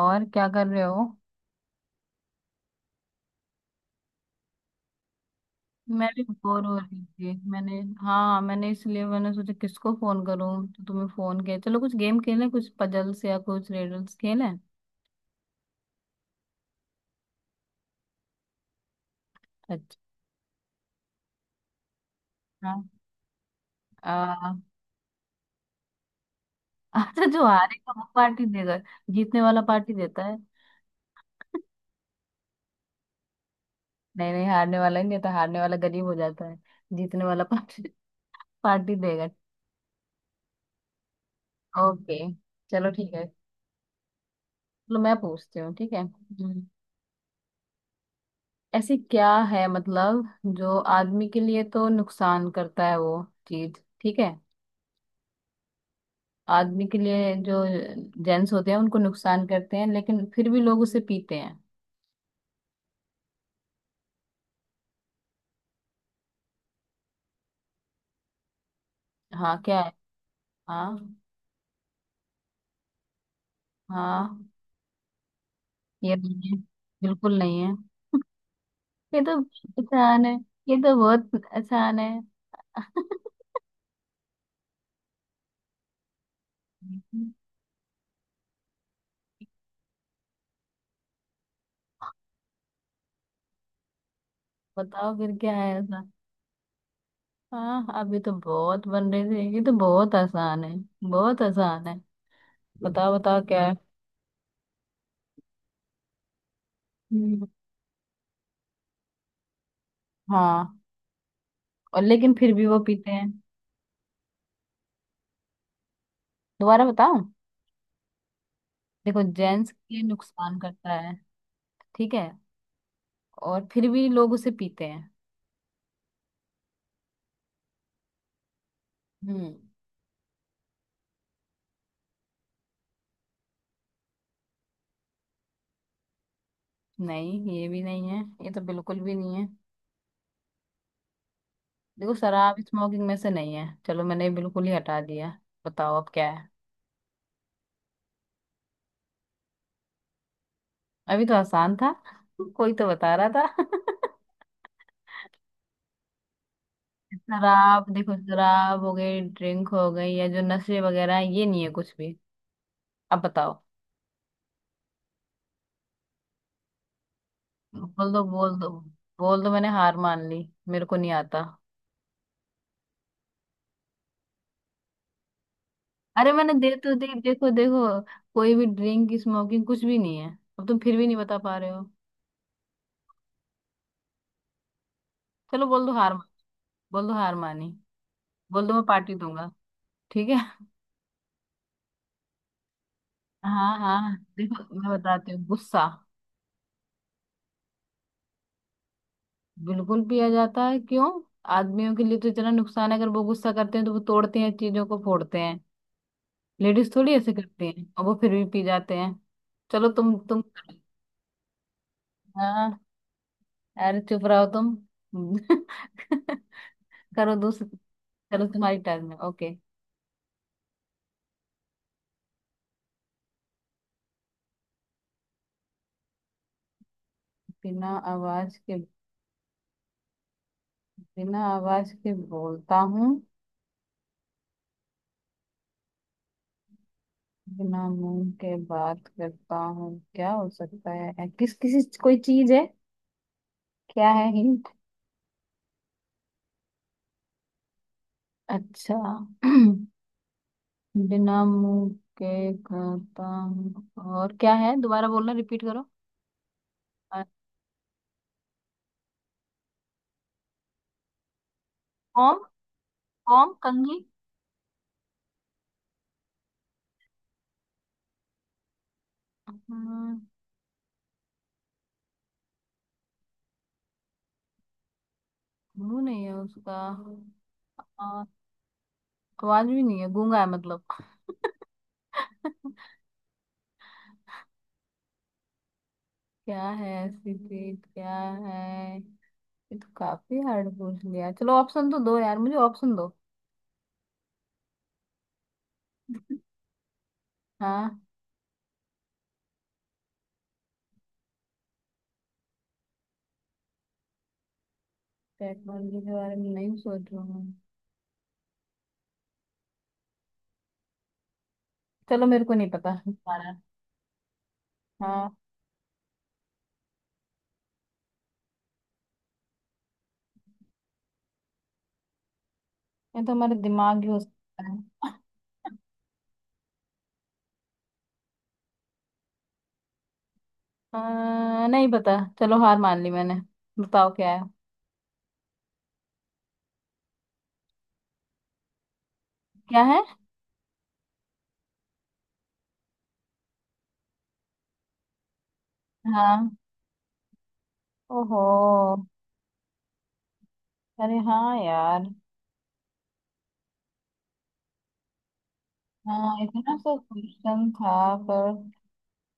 और क्या कर रहे हो। मैं भी बोर हो रही थी मैंने, हाँ मैंने इसलिए मैंने सोचा किसको फोन करूं, तो तुम्हें फोन किया। चलो कुछ गेम खेलें, कुछ पजल्स या कुछ रिडल्स खेलें। अच्छा। आ, अच्छा, जो हारेगा वो पार्टी देगा। जीतने वाला पार्टी देता है। नहीं, नहीं हारने वाला ही नहीं देता, हारने वाला गरीब हो जाता है। जीतने वाला पार्टी, पार्टी देगा। ओके, चलो ठीक है। चलो मैं पूछती हूँ, ठीक है। ऐसी क्या है, मतलब जो आदमी के लिए तो नुकसान करता है वो चीज, ठीक है? आदमी के लिए जो जेंट्स होते हैं उनको नुकसान करते हैं, लेकिन फिर भी लोग उसे पीते हैं। हाँ क्या है? हाँ। हाँ, ये नहीं है, बिल्कुल नहीं है। ये तो आसान है, ये तो बहुत आसान है। बताओ फिर क्या है ऐसा। हाँ, अभी तो बहुत बन रहे थे, ये तो बहुत आसान है, बहुत आसान है। बताओ बताओ क्या है। हम्म, हाँ, और लेकिन फिर भी वो पीते हैं। दोबारा बताओं। देखो जेंट्स के लिए नुकसान करता है, ठीक है, और फिर भी लोग उसे पीते हैं। हम्म। नहीं, ये भी नहीं है, ये तो बिल्कुल भी नहीं है। देखो, शराब स्मोकिंग में से नहीं है, चलो मैंने बिल्कुल ही हटा दिया। बताओ अब क्या है। अभी तो आसान था, कोई तो बता रहा था। शराब देखो, शराब हो गई, ड्रिंक हो गई, या जो नशे वगैरह हैं, ये नहीं है कुछ भी। अब बताओ। बोल दो, बोल दो, बोल दो, मैंने हार मान ली, मेरे को नहीं आता। अरे मैंने दे तो दे, देखो देखो, कोई भी ड्रिंक स्मोकिंग कुछ भी नहीं है। अब तुम फिर भी नहीं बता पा रहे हो। चलो बोल दो हार मा-, बोल दो हार मानी, बोल दो मैं पार्टी दूंगा। ठीक है। हाँ हाँ देखो, मैं बताती हूँ, गुस्सा। बिल्कुल पिया जाता है क्यों। आदमियों के लिए तो इतना नुकसान है, अगर वो गुस्सा करते हैं तो वो तोड़ते हैं, चीजों को फोड़ते हैं। लेडीज थोड़ी ऐसे करती हैं, और वो फिर भी पी जाते हैं। चलो तुम, हाँ, अरे चुप रहो तुम। करो दूसरे। चलो तुम्हारी टर्न है, ओके। बिना आवाज के, बिना आवाज के बोलता हूँ, बिना मुंह के बात करता हूँ, क्या हो सकता है? किस किसी कोई चीज है? क्या है हिंट? अच्छा। बिना मुंह के करता हूँ, और क्या है, दोबारा बोलना, रिपीट करो। अ, फॉर्म, फॉर्म कंघी। हम्म, मुंह नहीं है उसका, और आवाज भी नहीं है, गूंगा है मतलब। क्या है ऐसी चीज? क्या है? ये तो काफी हार्ड पूछ लिया, चलो ऑप्शन तो दो यार, मुझे ऑप्शन दो। हाँ, टेक्नोलॉजी के बारे में नहीं सोच रहा हूँ। चलो मेरे को नहीं पता हमारा। हाँ, ये तो हमारे दिमाग ही हो सकता है। नहीं पता, चलो हार मान ली मैंने। बताओ क्या है। क्या है? हाँ। ओहो। अरे हाँ यार। हाँ, इतना सा क्वेश्चन था, पर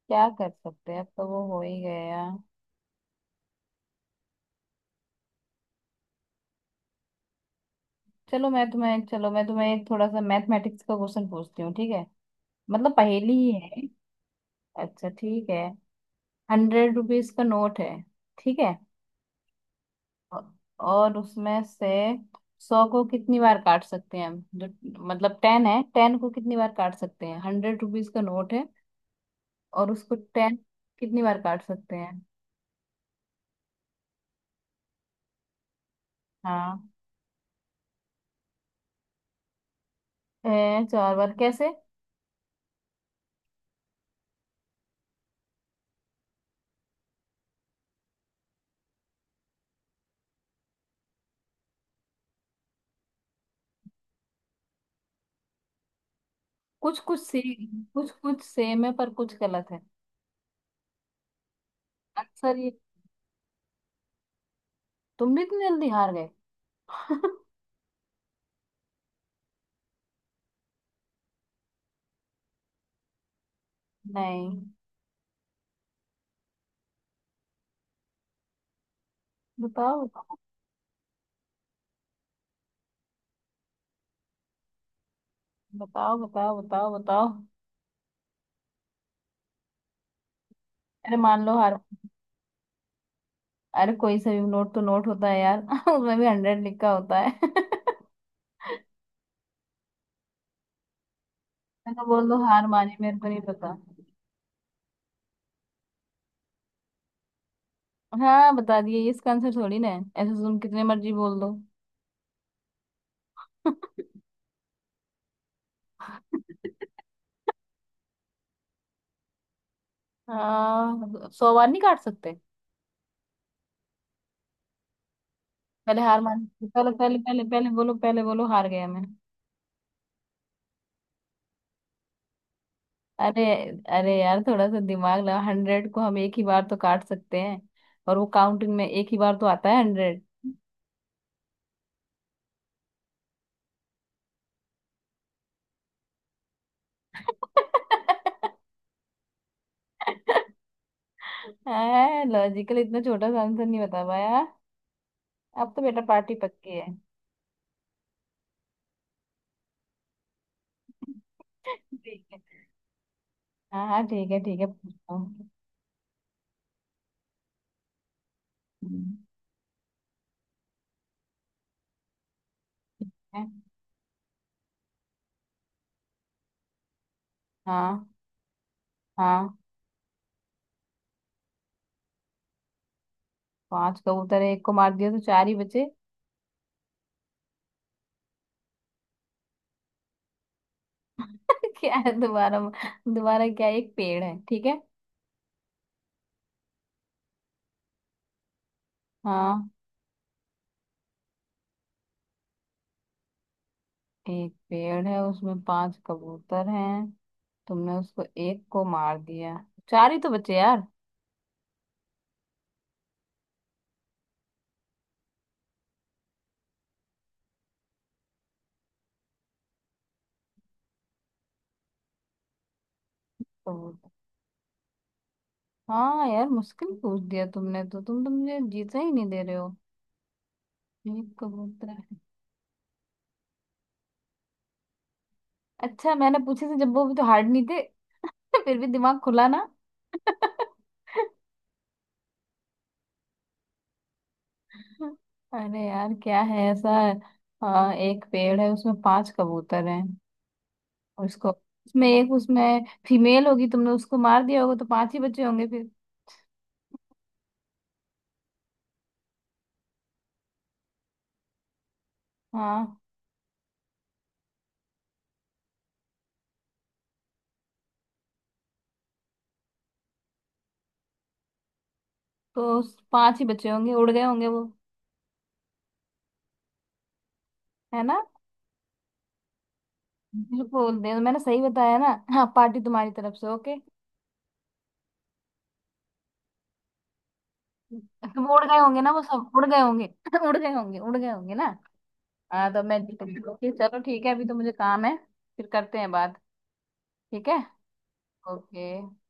क्या कर सकते हैं, अब तो वो हो ही गया। चलो मैं तुम्हें एक थोड़ा सा मैथमेटिक्स का क्वेश्चन पूछती हूँ, ठीक है, मतलब पहेली ही है। अच्छा ठीक है। 100 रुपीज का नोट है, ठीक है, औ-, और उसमें से सौ को कितनी बार काट सकते हैं हम, जो मतलब 10 है, 10 को कितनी बार काट सकते हैं। 100 रुपीज का नोट है, और उसको 10 कितनी बार काट सकते हैं? हाँ, है। 4 बार कैसे? कुछ कुछ सी, कुछ कुछ सेम है, पर कुछ गलत है। आंसर ये, तुम भी इतनी जल्दी हार गए। नहीं, बताओ बताओ बताओ बताओ बताओ बताओ। अरे मान लो हार। अरे कोई सा भी नोट तो नोट होता है यार, उसमें भी 100 लिखा होता है। मैं तो, बोल दो हार मानी, मेरे को नहीं पता। हाँ बता दिए, ये इसका आंसर थोड़ी ना है, ऐसे तुम कितने मर्जी बोल दो। हाँ, 100 बार नहीं काट सकते। पहले हार मान, पहले पहले पहले पहले बोलो, पहले बोलो हार गया मैं। अरे, अरे यार थोड़ा सा दिमाग लगा, 100 को हम 1 ही बार तो काट सकते हैं, और वो काउंटिंग में 1 ही बार तो आता है, 100। है लॉजिकल, इतना छोटा सा आंसर नहीं बता पाया। अब तो बेटा पार्टी पक्की है। ठीक है। हाँ हाँ ठीक है ठीक है, पूछता हूँ। हम्म। है? हाँ। हाँ, 5 कबूतर है, एक को मार दिया तो 4 ही बचे। क्या है दोबारा? दोबारा क्या है? एक पेड़ है, ठीक है, हाँ, एक पेड़ है उसमें 5 कबूतर हैं, तुमने उसको एक को मार दिया, 4 ही तो बचे यार। कबूतर। हाँ यार मुश्किल पूछ दिया तुमने, तो तुम तो मुझे जीता ही नहीं दे रहे हो। ये कबूतर है। अच्छा, मैंने पूछे थे जब, वो भी तो हार्ड नहीं थे। फिर भी दिमाग खुला ना। अरे यार क्या है ऐसा। हाँ एक पेड़ है उसमें पांच कबूतर हैं, उसको उसमें एक, उसमें फीमेल होगी, तुमने उसको मार दिया होगा, तो 5 ही बचे होंगे फिर। हाँ, तो उस 5 ही बचे होंगे, उड़ गए होंगे वो, है ना। बिल्कुल दे, मैंने सही बताया ना। हाँ, पार्टी तुम्हारी तरफ से, ओके। वो उड़ गए होंगे ना, वो सब उड़ गए होंगे। उड़ गए होंगे ना। हाँ तो मैं, चलो, ठीक है, अभी तो मुझे काम है, फिर करते हैं बात, ठीक है, ओके।